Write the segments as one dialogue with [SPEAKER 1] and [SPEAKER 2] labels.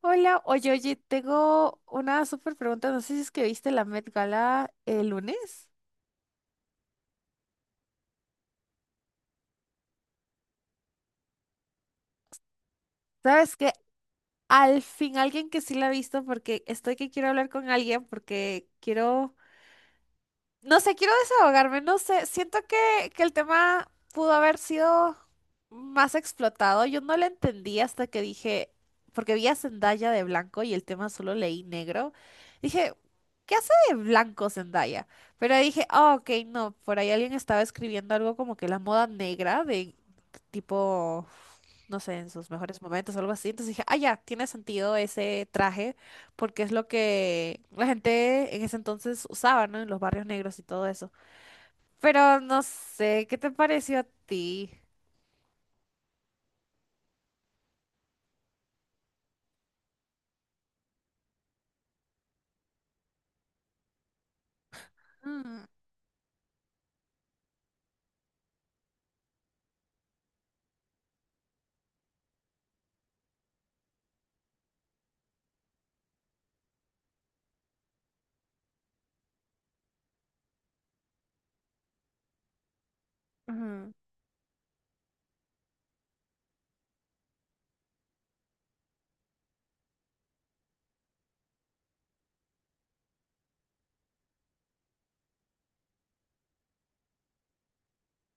[SPEAKER 1] Hola, oye, oye, tengo una súper pregunta. No sé si es que viste la Met Gala el lunes. ¿Sabes qué? Al fin, alguien que sí la ha visto, porque estoy que quiero hablar con alguien, porque quiero. No sé, quiero desahogarme, no sé, siento que el tema pudo haber sido más explotado. Yo no lo entendí hasta que dije, porque vi a Zendaya de blanco y el tema solo leí negro. Dije, ¿qué hace de blanco Zendaya? Pero ahí dije, ah, ok, no, por ahí alguien estaba escribiendo algo como que la moda negra de tipo, no sé, en sus mejores momentos o algo así. Entonces dije, ah, ya, tiene sentido ese traje porque es lo que la gente en ese entonces usaba, ¿no? En los barrios negros y todo eso. Pero no sé, ¿qué te pareció a ti? Mm, ujú,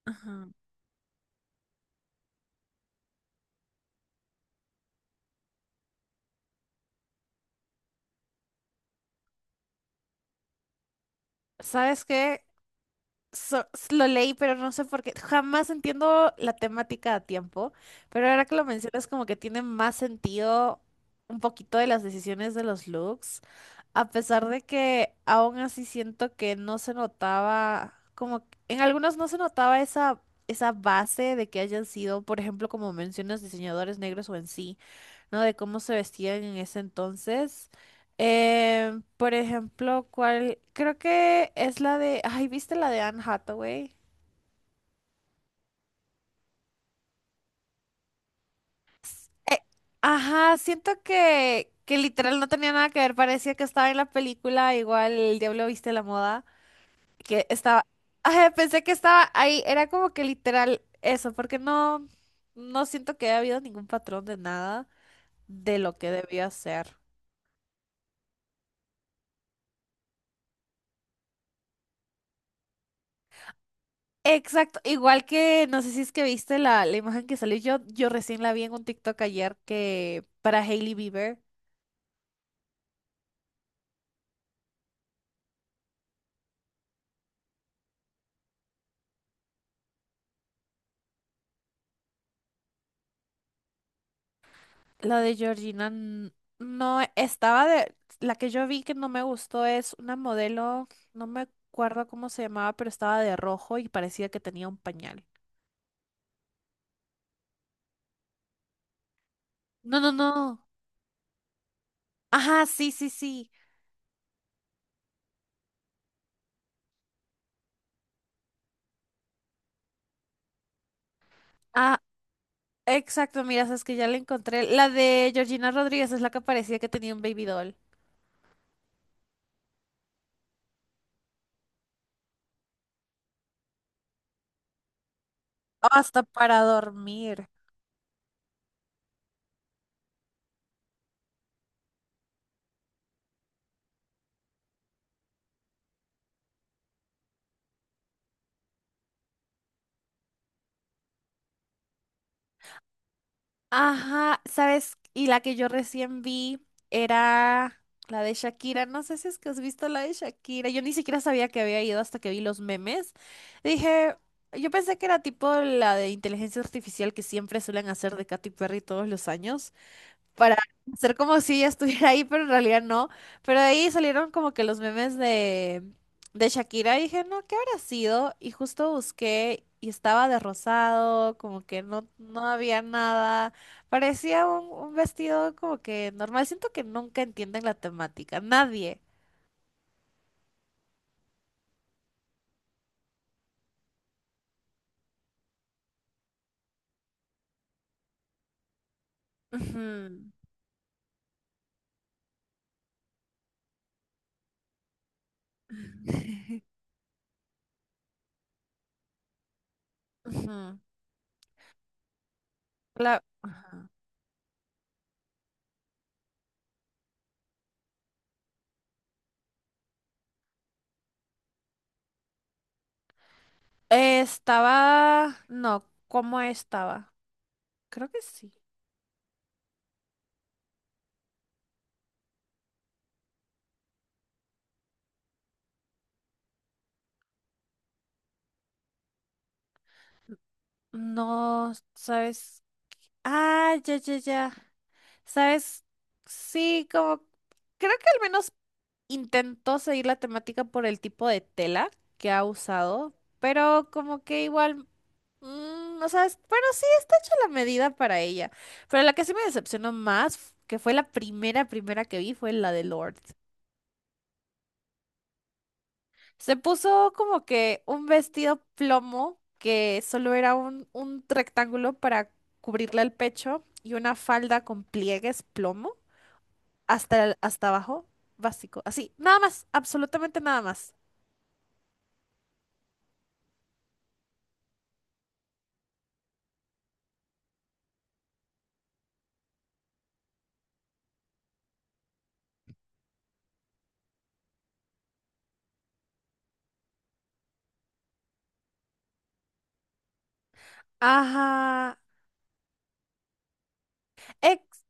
[SPEAKER 1] ajá. ¿Sabes qué? Lo leí, pero no sé por qué. Jamás entiendo la temática a tiempo, pero ahora que lo mencionas, como que tiene más sentido un poquito de las decisiones de los looks, a pesar de que aún así siento que no se notaba, en algunos no se notaba esa, esa base de que hayan sido, por ejemplo, como mencionas, diseñadores negros o en sí, ¿no? De cómo se vestían en ese entonces. Por ejemplo, ¿cuál? Creo que es la de... Ay, ¿viste la de Anne Hathaway? Eh, Ajá, siento que literal no tenía nada que ver, parecía que estaba en la película, igual El Diablo Viste la Moda, que estaba, ajá, pensé que estaba ahí, era como que literal eso, porque no, no siento que haya habido ningún patrón de nada de lo que debía ser. Exacto, igual que no sé si es que viste la imagen que salió. Yo recién la vi en un TikTok ayer que para Hailey Bieber, la de Georgina no estaba de. La que yo vi que no me gustó es una modelo, no me acuerdo cómo se llamaba, pero estaba de rojo y parecía que tenía un pañal. No, no, no. Ajá, sí, sí, sí. Ah, exacto, mira, sabes que ya la encontré. La de Georgina Rodríguez es la que parecía que tenía un baby doll. Hasta para dormir. Ajá, ¿sabes? Y la que yo recién vi era la de Shakira. No sé si es que has visto la de Shakira. Yo ni siquiera sabía que había ido hasta que vi los memes. Dije, yo pensé que era tipo la de inteligencia artificial que siempre suelen hacer de Katy Perry todos los años para hacer como si ella estuviera ahí, pero en realidad no. Pero de ahí salieron como que los memes de Shakira y dije, no, ¿qué habrá sido? Y justo busqué y estaba de rosado, como que no, no había nada. Parecía un vestido como que normal. Siento que nunca entienden la temática, nadie. Ujú. Ujú. Ajá. Estaba, no, ¿cómo estaba? Creo que sí. No, ¿sabes? Ah, ya, ya, ya. ¿Sabes? Sí, como creo que al menos intentó seguir la temática por el tipo de tela que ha usado, pero como que igual, no sabes, bueno, sí, está hecha la medida para ella, pero la que sí me decepcionó más, que fue la primera que vi, fue la de Lord. Se puso como que un vestido plomo que solo era un rectángulo para cubrirle el pecho y una falda con pliegues plomo hasta, hasta abajo, básico, así, nada más, absolutamente nada más. Ajá, ex-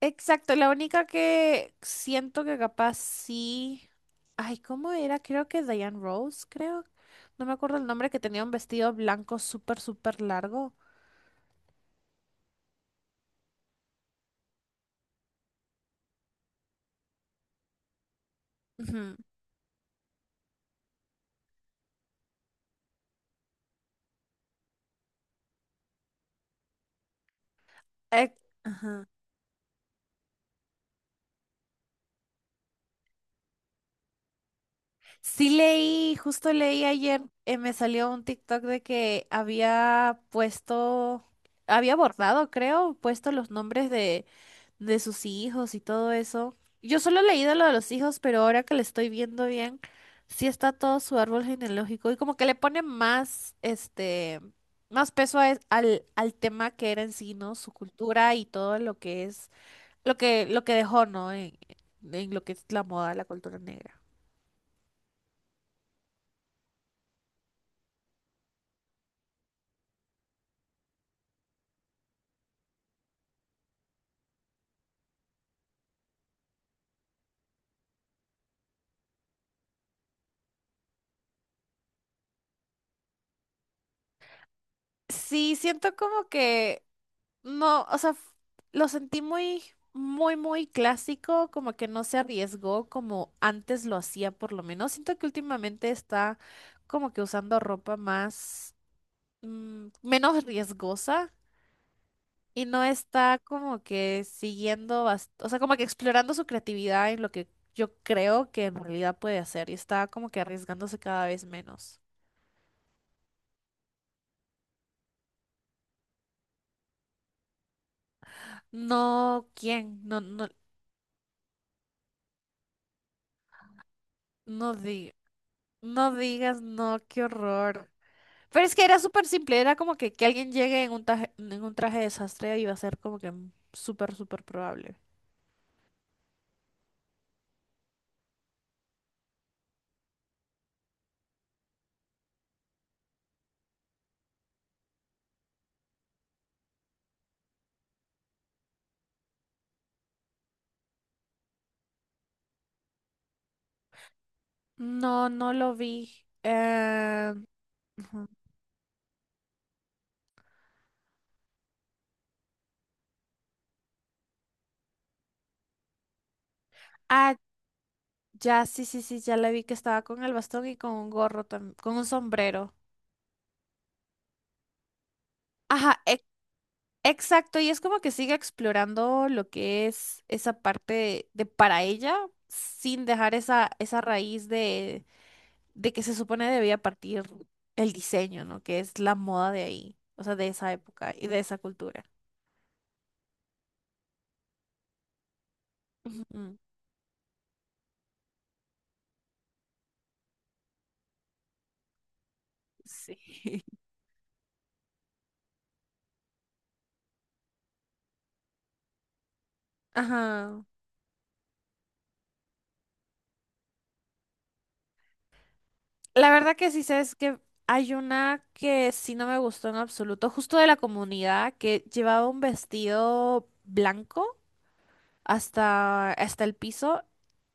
[SPEAKER 1] exacto, la única que siento que capaz sí, ay, ¿cómo era? Creo que Diane Rose, creo, no me acuerdo el nombre, que tenía un vestido blanco súper, súper largo. Ujú. Ex- Ajá. Sí leí, justo leí ayer, me salió un TikTok de que había puesto, había bordado, creo, puesto los nombres de sus hijos y todo eso. Yo solo he leído lo de los hijos, pero ahora que le estoy viendo bien, sí está todo su árbol genealógico y como que le pone más, este, más peso al, al tema que era en sí, ¿no? Su cultura y todo lo que es, lo lo que dejó, ¿no? En lo que es la moda, la cultura negra. Sí, siento como que no, o sea, lo sentí muy, muy, muy clásico, como que no se arriesgó como antes lo hacía, por lo menos. Siento que últimamente está como que usando ropa más, menos riesgosa y no está como que siguiendo, o sea, como que explorando su creatividad en lo que yo creo que en realidad puede hacer y está como que arriesgándose cada vez menos. No, ¿quién? No, no, no no digas, no, qué horror. Pero es que era súper simple, era como que alguien llegue en un traje de desastre iba a ser como que súper, súper probable. No, no lo vi. Eh, ujú. Ah, ya, sí, sí, sí, ya la vi que estaba con el bastón y con un gorro, con un sombrero. Ajá, exacto, y es como que sigue explorando lo que es esa parte de para ella, sin dejar esa, esa raíz de que se supone debía partir el diseño, ¿no? Que es la moda de ahí, o sea, de esa época y de esa cultura. Ujú. Sí. Ajá. La verdad que sí sé es que hay una que sí no me gustó en absoluto, justo de la comunidad, que llevaba un vestido blanco hasta, hasta el piso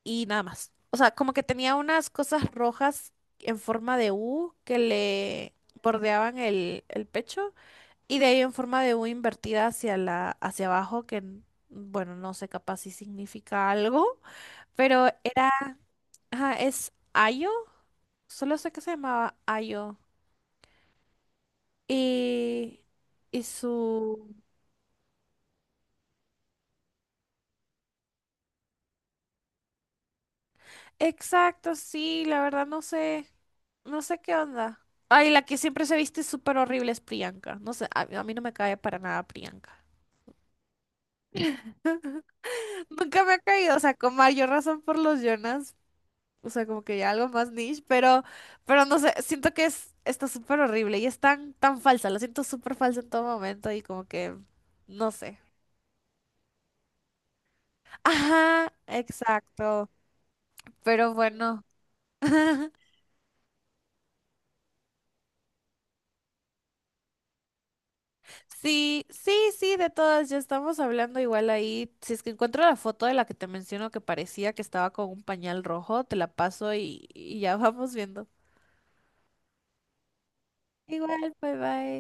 [SPEAKER 1] y nada más. O sea, como que tenía unas cosas rojas en forma de U que le bordeaban el pecho y de ahí en forma de U invertida hacia la, hacia abajo, bueno, no sé capaz si significa algo, pero era, ajá, es Ayo, solo sé que se llamaba Ayo. Y, y su... Exacto, sí, la verdad no sé, no sé qué onda. Ay, la que siempre se viste súper horrible es Priyanka. No sé, a mí no me cae para nada Priyanka. Nunca me ha caído, o sea, con mayor razón por los Jonas. O sea, como que ya algo más niche, pero no sé, siento que es, está súper horrible y es tan, tan falsa, la siento súper falsa en todo momento y como que, no sé. Ajá, exacto, pero bueno. Sí, sí, sí, de todas, ya estamos hablando igual ahí. Si es que encuentro la foto de la que te menciono que parecía que estaba con un pañal rojo, te la paso y ya vamos viendo. Igual, bye bye.